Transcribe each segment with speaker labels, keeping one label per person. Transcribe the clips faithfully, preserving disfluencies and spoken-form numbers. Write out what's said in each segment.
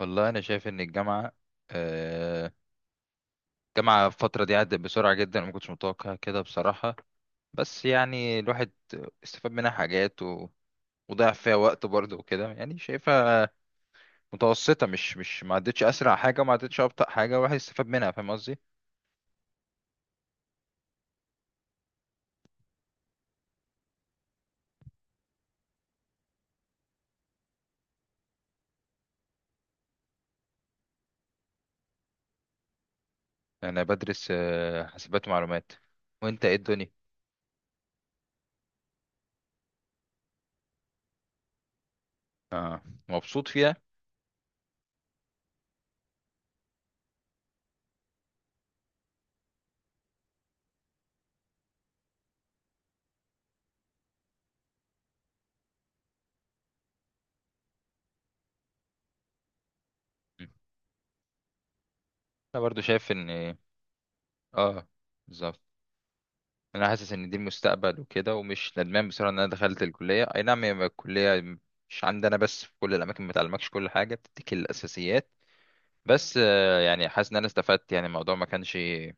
Speaker 1: والله انا شايف ان الجامعه آه، الجامعه الفتره دي عدت بسرعه جدا، ما كنتش متوقع كده بصراحه. بس يعني الواحد استفاد منها حاجات و... وضيع فيها وقت برضه وكده، يعني شايفها متوسطه. مش مش ما عدتش اسرع حاجه وما عدتش ابطا حاجه، الواحد استفاد منها، فاهم قصدي. انا بدرس آه، حاسبات ومعلومات. وانت ايه الدنيا؟ اه، مبسوط فيها. مم. انا برضه شايف ان اه، بالظبط، انا حاسس ان دي المستقبل وكده، ومش ندمان بصراحه ان انا دخلت الكليه. اي نعم، هي الكليه مش عندنا بس، في كل الاماكن، ما تعلمكش كل حاجه، بتديك الاساسيات. بس آه، يعني حاسس ان انا استفدت، يعني الموضوع ما كانش ما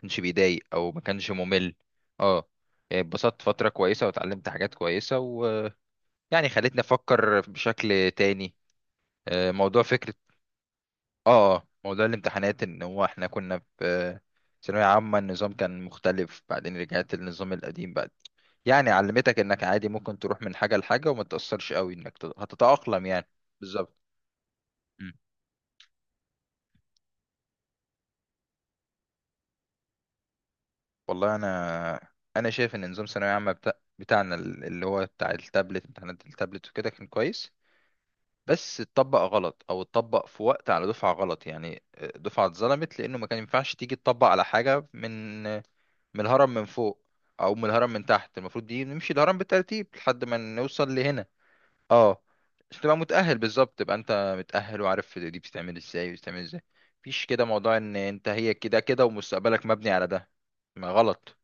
Speaker 1: كانش بيضايق او ما كانش ممل. اه، يعني اتبسطت فتره كويسه واتعلمت حاجات كويسه ويعني خلتني افكر بشكل تاني. آه، موضوع فكره. اه، آه، موضوع الامتحانات ان هو احنا كنا في آه، ثانويه عامه، النظام كان مختلف، بعدين رجعت للنظام القديم بعد. يعني علمتك انك عادي ممكن تروح من حاجة لحاجة وما تأثرش قوي، انك تت- هتتأقلم يعني. بالظبط. مم. والله انا انا شايف ان نظام ثانوية عامة بتاع... بتاعنا ال- اللي هو بتاع التابلت، امتحانات التابلت وكده كان كويس. بس اتطبق غلط، او اتطبق في وقت على دفعة غلط. يعني دفعة اتظلمت لانه ما كان ينفعش تيجي تطبق على حاجة من من الهرم من فوق، او من الهرم من تحت. المفروض دي نمشي الهرم بالترتيب لحد ما نوصل لهنا. اه، عشان تبقى متأهل. بالظبط، تبقى انت متأهل وعارف دي بتتعمل ازاي وبتتعمل ازاي. مفيش كده موضوع ان انت هي كده كده ومستقبلك مبني على ده، ما غلط.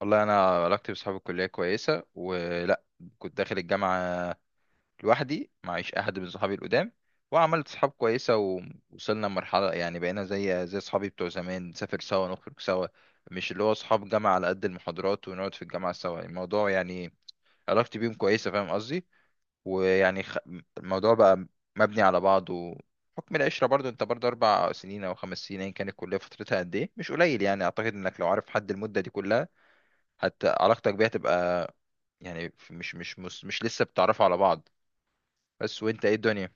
Speaker 1: والله انا علاقتي بصحاب الكلية كويسة ولا، كنت داخل الجامعة لوحدي، معيش احد من صحابي القدام، وعملت صحاب كويسة، ووصلنا لمرحلة يعني بقينا زي زي صحابي بتوع زمان، نسافر سوا، نخرج سوا. مش اللي هو صحاب جامعة على قد المحاضرات ونقعد في الجامعة سوا، الموضوع يعني علاقتي بيهم كويسة، فاهم قصدي. ويعني خ... الموضوع بقى مبني على بعضه. حكم العشرة برضو، انت برضو اربع سنين او خمس سنين ايا كانت الكلية فترتها قد ايه، مش قليل. يعني اعتقد انك لو عارف حد المدة دي كلها، حتى علاقتك بيها تبقى، يعني مش مش مش, مش لسه بتعرفوا على بعض. بس وانت ايه الدنيا؟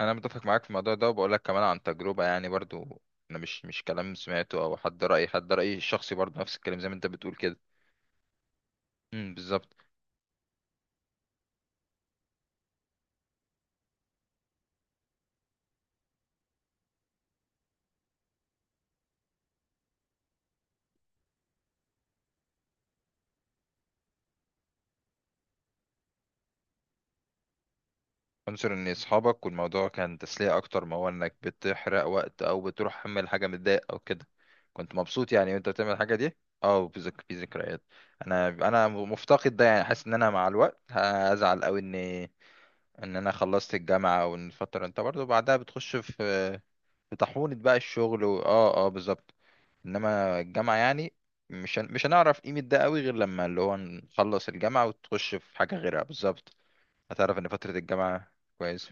Speaker 1: انا متفق معاك في الموضوع ده، وبقول لك كمان عن تجربة، يعني برضو انا مش مش كلام سمعته او حد رأي حد رأيي الشخصي، برضو نفس الكلام زي ما انت بتقول كده. امم بالظبط. عنصر ان اصحابك والموضوع كان تسلية اكتر ما هو انك بتحرق وقت، او بتروح تعمل حاجة متضايق او كده، كنت مبسوط يعني وانت بتعمل الحاجة دي. اه، في ذك... في ذكريات. انا انا مفتقد ده، يعني حاسس ان انا مع الوقت هزعل قوي ان ان انا خلصت الجامعة، او ان الفترة انت برضو بعدها بتخش في في طاحونة بقى الشغل و... اه، اه، بالظبط. انما الجامعة يعني مش هن... مش هنعرف قيمة ده قوي غير لما اللي هو نخلص الجامعة وتخش في حاجة غيرها. بالظبط، هتعرف ان فترة الجامعة كويسة.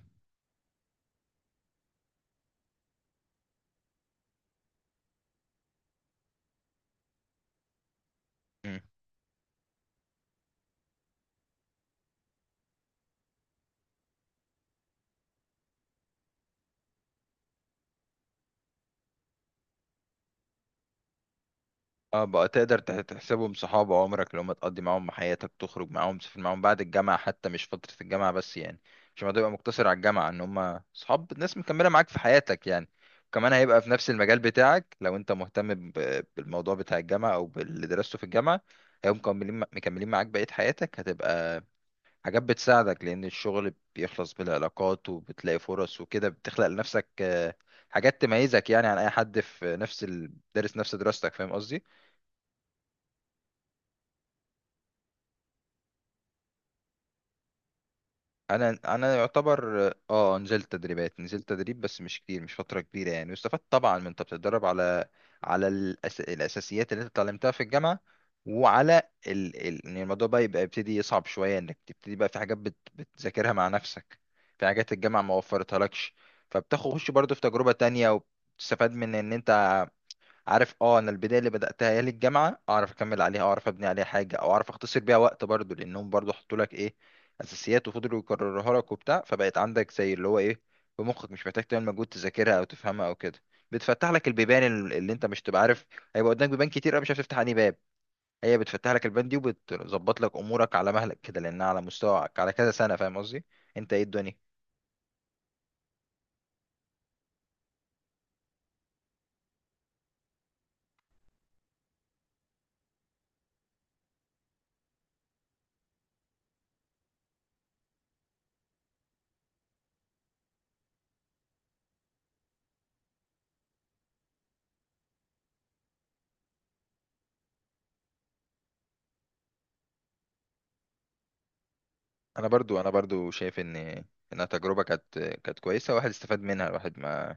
Speaker 1: اه، بقى تقدر تح- تحسبهم صحاب عمرك اللي هم تقضي معاهم حياتك، تخرج معاهم، تسافر معاهم بعد الجامعة حتى، مش فترة الجامعة بس يعني. مش ما تبقى مقتصر على الجامعة، ان هم صحاب ناس مكملة معاك في حياتك يعني. وكمان هيبقى في نفس المجال بتاعك لو انت مهتم ب- بالموضوع بتاع الجامعة او باللي درسته في الجامعة. هيبقوا مكملين مكملين معاك بقية حياتك، هتبقى حاجات بتساعدك، لان الشغل بيخلص بالعلاقات وبتلاقي فرص وكده، بتخلق لنفسك آه، حاجات تميزك يعني عن اي حد في نفس ال... دارس نفس دراستك، فاهم قصدي. انا انا يعتبر اه، نزلت تدريبات نزلت تدريب بس مش كتير، مش فتره كبيره يعني. واستفدت طبعا من انت بتتدرب على، على الأس... الاساسيات اللي انت اتعلمتها في الجامعه، وعلى ال... ال... ان الموضوع بقى يبقى يبتدي يصعب شويه، انك تبتدي بقى في حاجات بت... بتذاكرها مع نفسك، في حاجات الجامعه ما وفرتها لكش. فبتخش برضو في تجربه تانية، وبتستفاد من ان انت عارف، اه، انا البدايه اللي بداتها ايام الجامعه اعرف اكمل عليها، اعرف ابني عليها حاجه، او اعرف اختصر بيها وقت برضو، لانهم برضو حطوا لك ايه، اساسيات، وفضلوا يكرروها لك وبتاع، فبقت عندك زي اللي هو ايه، في مخك، مش محتاج تعمل مجهود تذاكرها او تفهمها او كده. بتفتح لك البيبان ال- اللي انت مش تبقى عارف هيبقى قدامك بيبان كتير قوي، مش عارف تفتح انهي باب. هي بتفتح لك البيبان دي، وبتظبط لك امورك على مهلك كده، لانها على مستواك على كذا سنه، فاهم قصدي. انت ايه الدنيا؟ انا برضو انا برضو شايف ان انها تجربه كانت كانت كويسه، الواحد استفاد منها، الواحد ما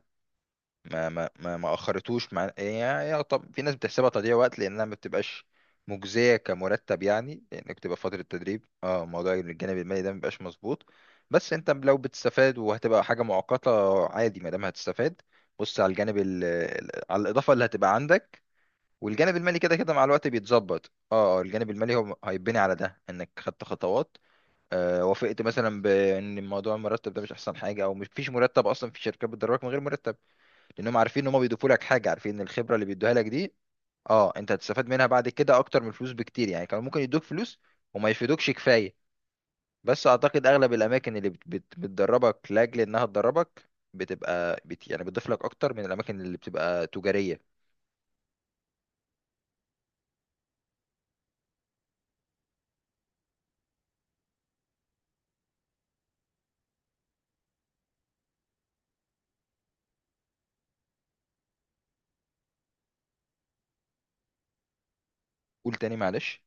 Speaker 1: ما ما ما ما اخرتوش مع يعني. يعني طب في ناس بتحسبها تضييع وقت، لانها ما بتبقاش مجزيه كمرتب يعني، لانك بتبقى في فتره تدريب. اه، موضوع الجانب المالي ده ما بيبقاش مظبوط. بس انت لو بتستفاد وهتبقى حاجه مؤقته عادي ما دام هتستفاد، بص على الجانب ال... ال- على الاضافه اللي هتبقى عندك، والجانب المالي كده كده مع الوقت بيتظبط. اه، آه، الجانب المالي هو هيتبني على ده، انك خدت خطوات. آه، وافقت مثلا بان موضوع المرتب ده مش احسن حاجه، او مش فيش مرتب اصلا، في شركات بتدربك من غير مرتب، لانهم عارفين ان هم بيضيفوا لك حاجه، عارفين ان الخبره اللي بيدوها لك دي اه، انت هتستفاد منها بعد كده اكتر من الفلوس بكتير يعني. كانوا ممكن يدوك فلوس وما يفيدوكش كفايه. بس اعتقد اغلب الاماكن اللي بت بت بتدربك لاجل انها تدربك، بتبقى بت يعني بتضيف لك اكتر من الاماكن اللي بتبقى تجاريه. قول تاني معلش.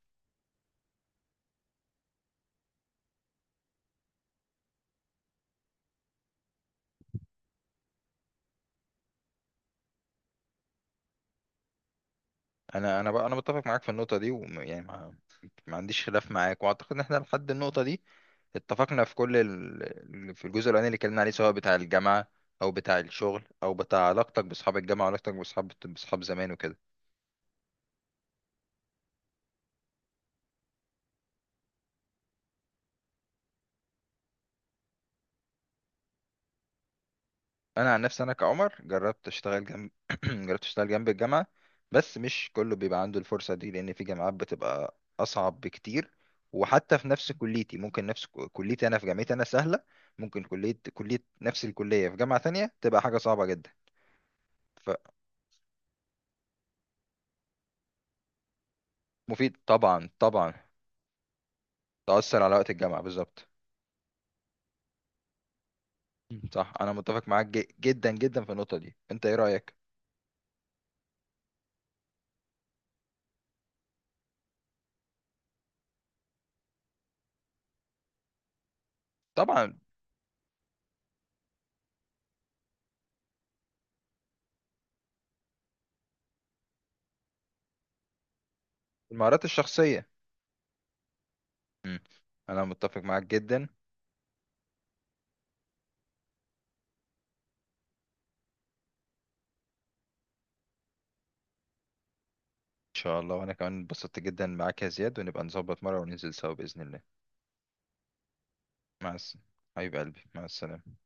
Speaker 1: انا انا بقى انا متفق معاك في النقطه دي، ويعني ما, ما عنديش خلاف معاك. واعتقد ان احنا لحد النقطه دي اتفقنا في كل ال... في الجزء الاولاني اللي اتكلمنا عليه، سواء بتاع الجامعه، او بتاع الشغل، او بتاع علاقتك باصحاب الجامعه، وعلاقتك باصحاب باصحاب زمان وكده. انا عن نفسي انا كعمر جربت اشتغل جنب، جربت اشتغل جنب الجامعه. بس مش كله بيبقى عنده الفرصه دي، لان في جامعات بتبقى اصعب بكتير. وحتى في نفس كليتي، ممكن نفس ك- كليتي، انا في جامعتي انا سهله، ممكن كليه كليه نفس الكليه في جامعه تانية تبقى حاجه صعبه جدا. فمفيد طبعا، طبعا. تأثر على وقت الجامعه، بالظبط. مم. صح، انا متفق معاك ج- جدا جدا في النقطه دي. انت ايه رايك؟ طبعا، المهارات الشخصيه. مم. انا متفق معاك جدا ان شاء الله. وانا كمان اتبسطت جدا معاك يا زياد، ونبقى نظبط مره وننزل سوا باذن الله. مع الس... حبيب قلبي، مع السلامه.